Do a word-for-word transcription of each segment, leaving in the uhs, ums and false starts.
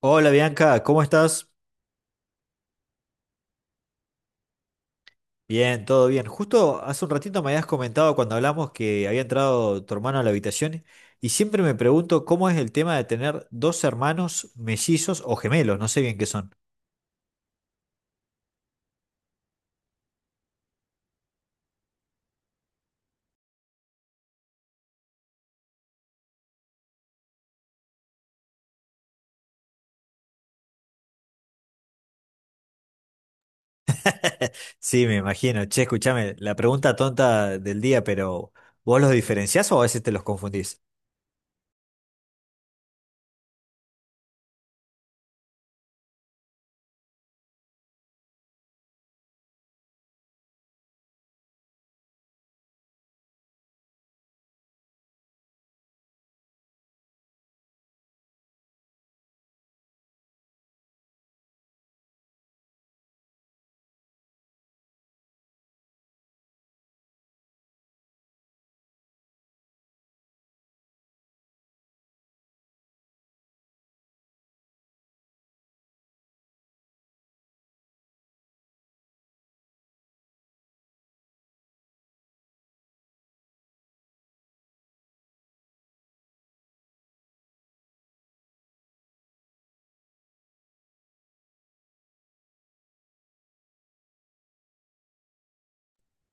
Hola Bianca, ¿cómo estás? Bien, todo bien. Justo hace un ratito me habías comentado cuando hablamos que había entrado tu hermano a la habitación y siempre me pregunto cómo es el tema de tener dos hermanos mellizos o gemelos, no sé bien qué son. Sí, me imagino. Che, escúchame, la pregunta tonta del día, pero ¿vos los diferenciás o a veces te los confundís?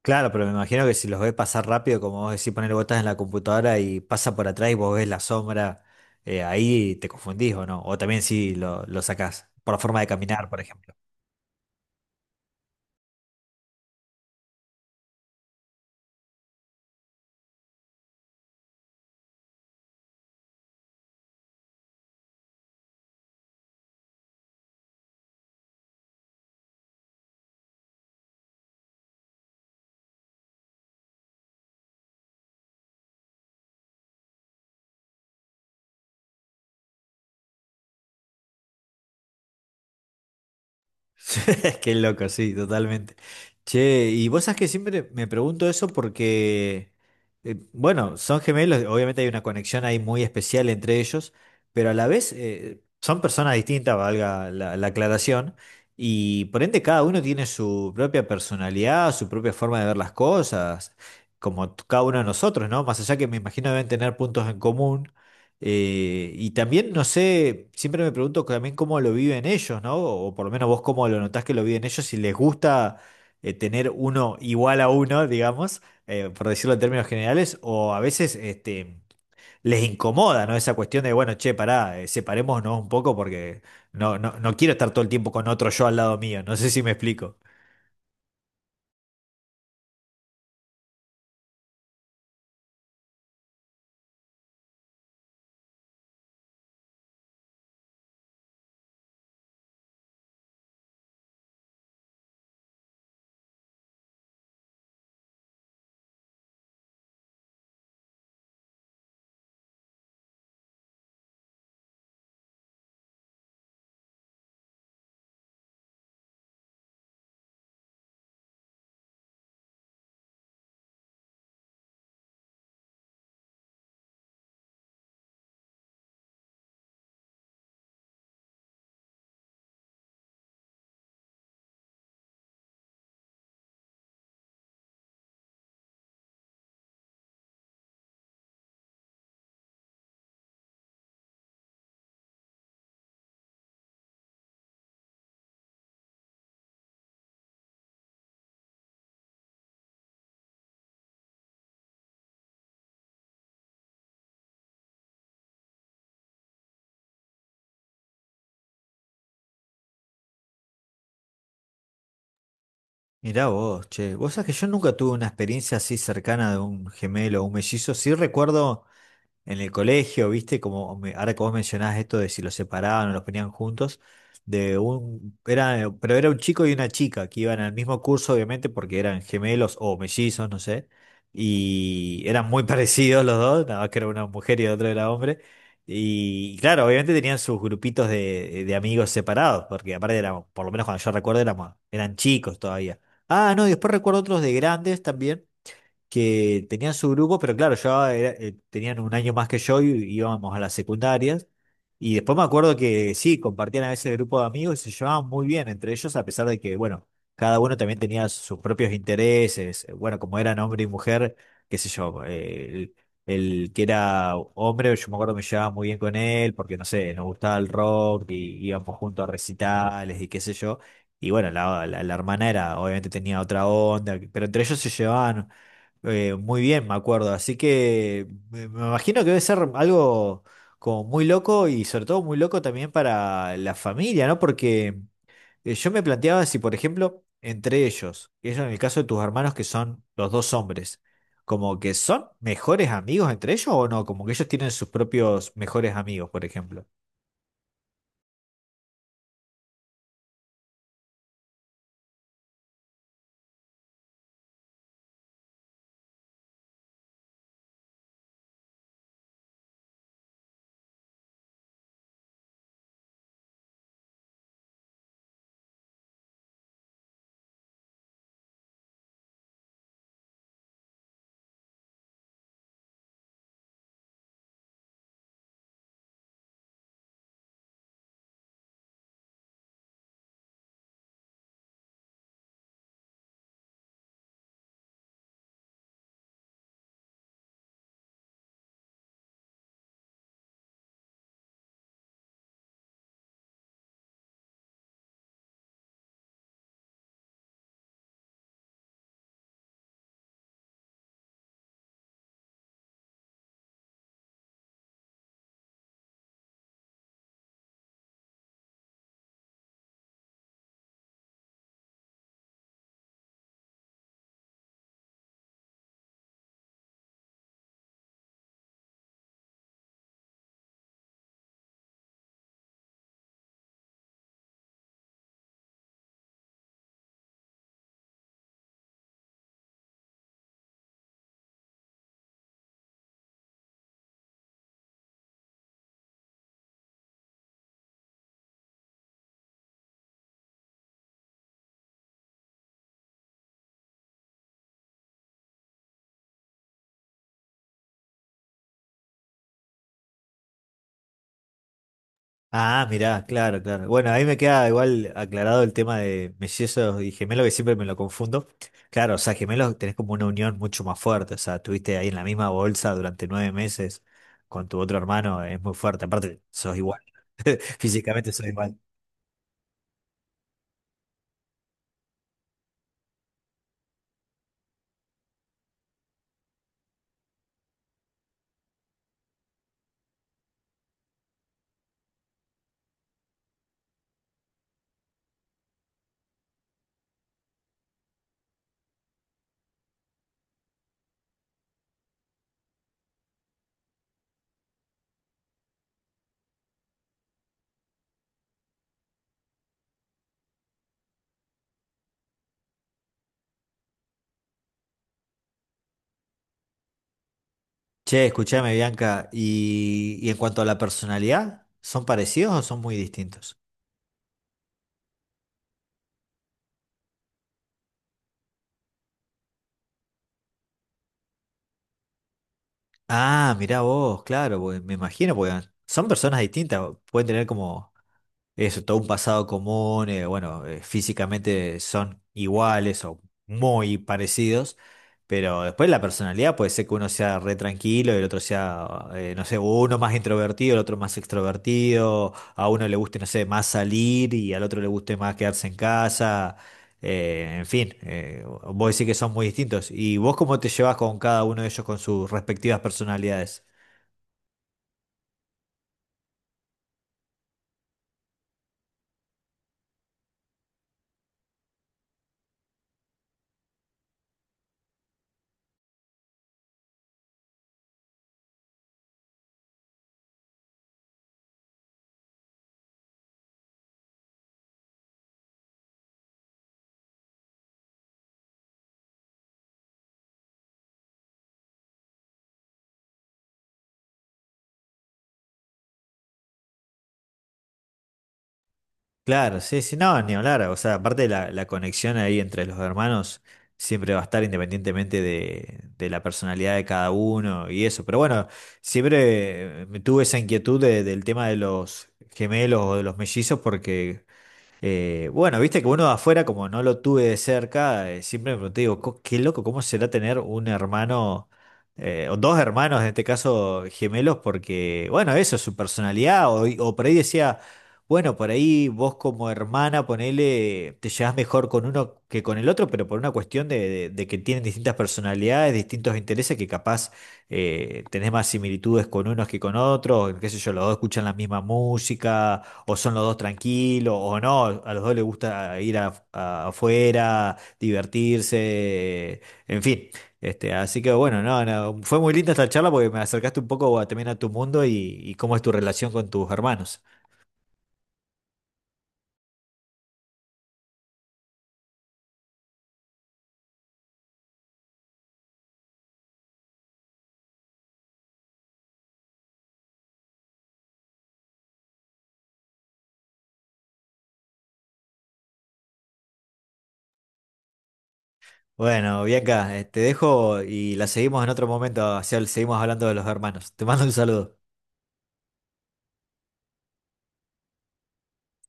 Claro, pero me imagino que si los ves pasar rápido, como vos decís, poner botas en la computadora y pasa por atrás y vos ves la sombra, eh, ahí te confundís o no. O también si lo, lo sacás por la forma de caminar, por ejemplo. Qué loco, sí, totalmente. Che, y vos sabés que siempre me pregunto eso porque, eh, bueno, son gemelos, obviamente hay una conexión ahí muy especial entre ellos, pero a la vez eh, son personas distintas, valga la, la aclaración, y por ende cada uno tiene su propia personalidad, su propia forma de ver las cosas, como t- cada uno de nosotros, ¿no? Más allá que me imagino deben tener puntos en común. Eh, y también, no sé, siempre me pregunto también cómo lo viven ellos, ¿no? O por lo menos vos cómo lo notás que lo viven ellos, si les gusta eh, tener uno igual a uno, digamos, eh, por decirlo en términos generales, o a veces este, les incomoda, ¿no? Esa cuestión de, bueno, che, pará, eh, separémonos un poco porque no, no, no quiero estar todo el tiempo con otro yo al lado mío, no sé si me explico. Mirá vos, che, vos sabés que yo nunca tuve una experiencia así cercana de un gemelo o un mellizo. Sí recuerdo en el colegio, ¿viste? Como me- ahora que vos mencionás esto de si los separaban o los ponían juntos, de un, era, pero era un chico y una chica que iban al mismo curso, obviamente, porque eran gemelos o mellizos, no sé, y eran muy parecidos los dos, nada más que era una mujer y el otro era hombre. Y claro, obviamente tenían sus grupitos de, de amigos separados, porque aparte éramos, por lo menos cuando yo recuerdo, éramos, eran chicos todavía. Ah, no, y después recuerdo otros de grandes también que tenían su grupo, pero claro, yo era- eh, tenían un año más que yo y íbamos a las secundarias. Y después me acuerdo que sí, compartían a veces el grupo de amigos y se llevaban muy bien entre ellos, a pesar de que, bueno, cada uno también tenía sus propios intereses. Bueno, como eran hombre y mujer, qué sé yo, eh, el, el que era hombre, yo me acuerdo que me llevaba muy bien con él, porque no sé, nos gustaba el rock y íbamos juntos a recitales y qué sé yo. Y bueno, la, la, la hermana era, obviamente tenía otra onda, pero entre ellos se llevaban eh, muy bien, me acuerdo. Así que me me imagino que debe ser algo como muy loco y sobre todo muy loco también para la familia, ¿no? Porque eh, yo me planteaba si, por ejemplo, entre ellos, ellos en el caso de tus hermanos que son los dos hombres, como que son mejores amigos entre ellos o no, como que ellos tienen sus propios mejores amigos, por ejemplo. Ah, mirá, claro, claro. Bueno, ahí me queda igual aclarado el tema de mellizos y gemelos, que siempre me lo confundo. Claro, o sea, gemelos tenés como una unión mucho más fuerte, o sea, tuviste ahí en la misma bolsa durante nueve meses con tu otro hermano, es muy fuerte, aparte sos igual, físicamente sos igual. Che, escuchame, Bianca, y, y en cuanto a la personalidad, ¿son parecidos o son muy distintos? Ah, mirá vos, claro, porque me imagino, porque son personas distintas, pueden tener como eso, todo un pasado común, eh, bueno, eh, físicamente son iguales o muy parecidos, pero después la personalidad puede ser que uno sea re tranquilo y el otro sea, eh, no sé, uno más introvertido, el otro más extrovertido, a uno le guste, no sé, más salir y al otro le guste más quedarse en casa. Eh, en fin, eh, vos decís que son muy distintos. ¿Y vos cómo te llevas con cada uno de ellos con sus respectivas personalidades? Claro, sí, sí, no, ni hablar. O sea, aparte la, la conexión ahí entre los hermanos siempre va a estar independientemente de, de la personalidad de cada uno y eso. Pero bueno, siempre eh, me tuve esa inquietud de- del tema de los gemelos o de los mellizos porque Eh, bueno, viste que uno de afuera, como no lo tuve de cerca, eh, siempre me pregunté, digo, co- qué loco, ¿cómo será tener un hermano, eh, o dos hermanos, en este caso gemelos? Porque, bueno, eso, su personalidad, o, o por ahí decía, bueno, por ahí vos como hermana, ponele, te llevas mejor con uno que con el otro, pero por una cuestión de, de- de que tienen distintas personalidades, distintos intereses, que capaz eh, tenés más similitudes con unos que con otros, qué sé yo, los dos escuchan la misma música o son los dos tranquilos, o no, a los dos les gusta ir a- a- afuera, divertirse, en fin. Este, así que bueno, no, no, fue muy linda esta charla porque me acercaste un poco a- también a tu mundo y, y cómo es tu relación con tus hermanos. Bueno, Bianca, eh, te dejo y la seguimos en otro momento, o sea, seguimos hablando de los hermanos. Te mando un saludo.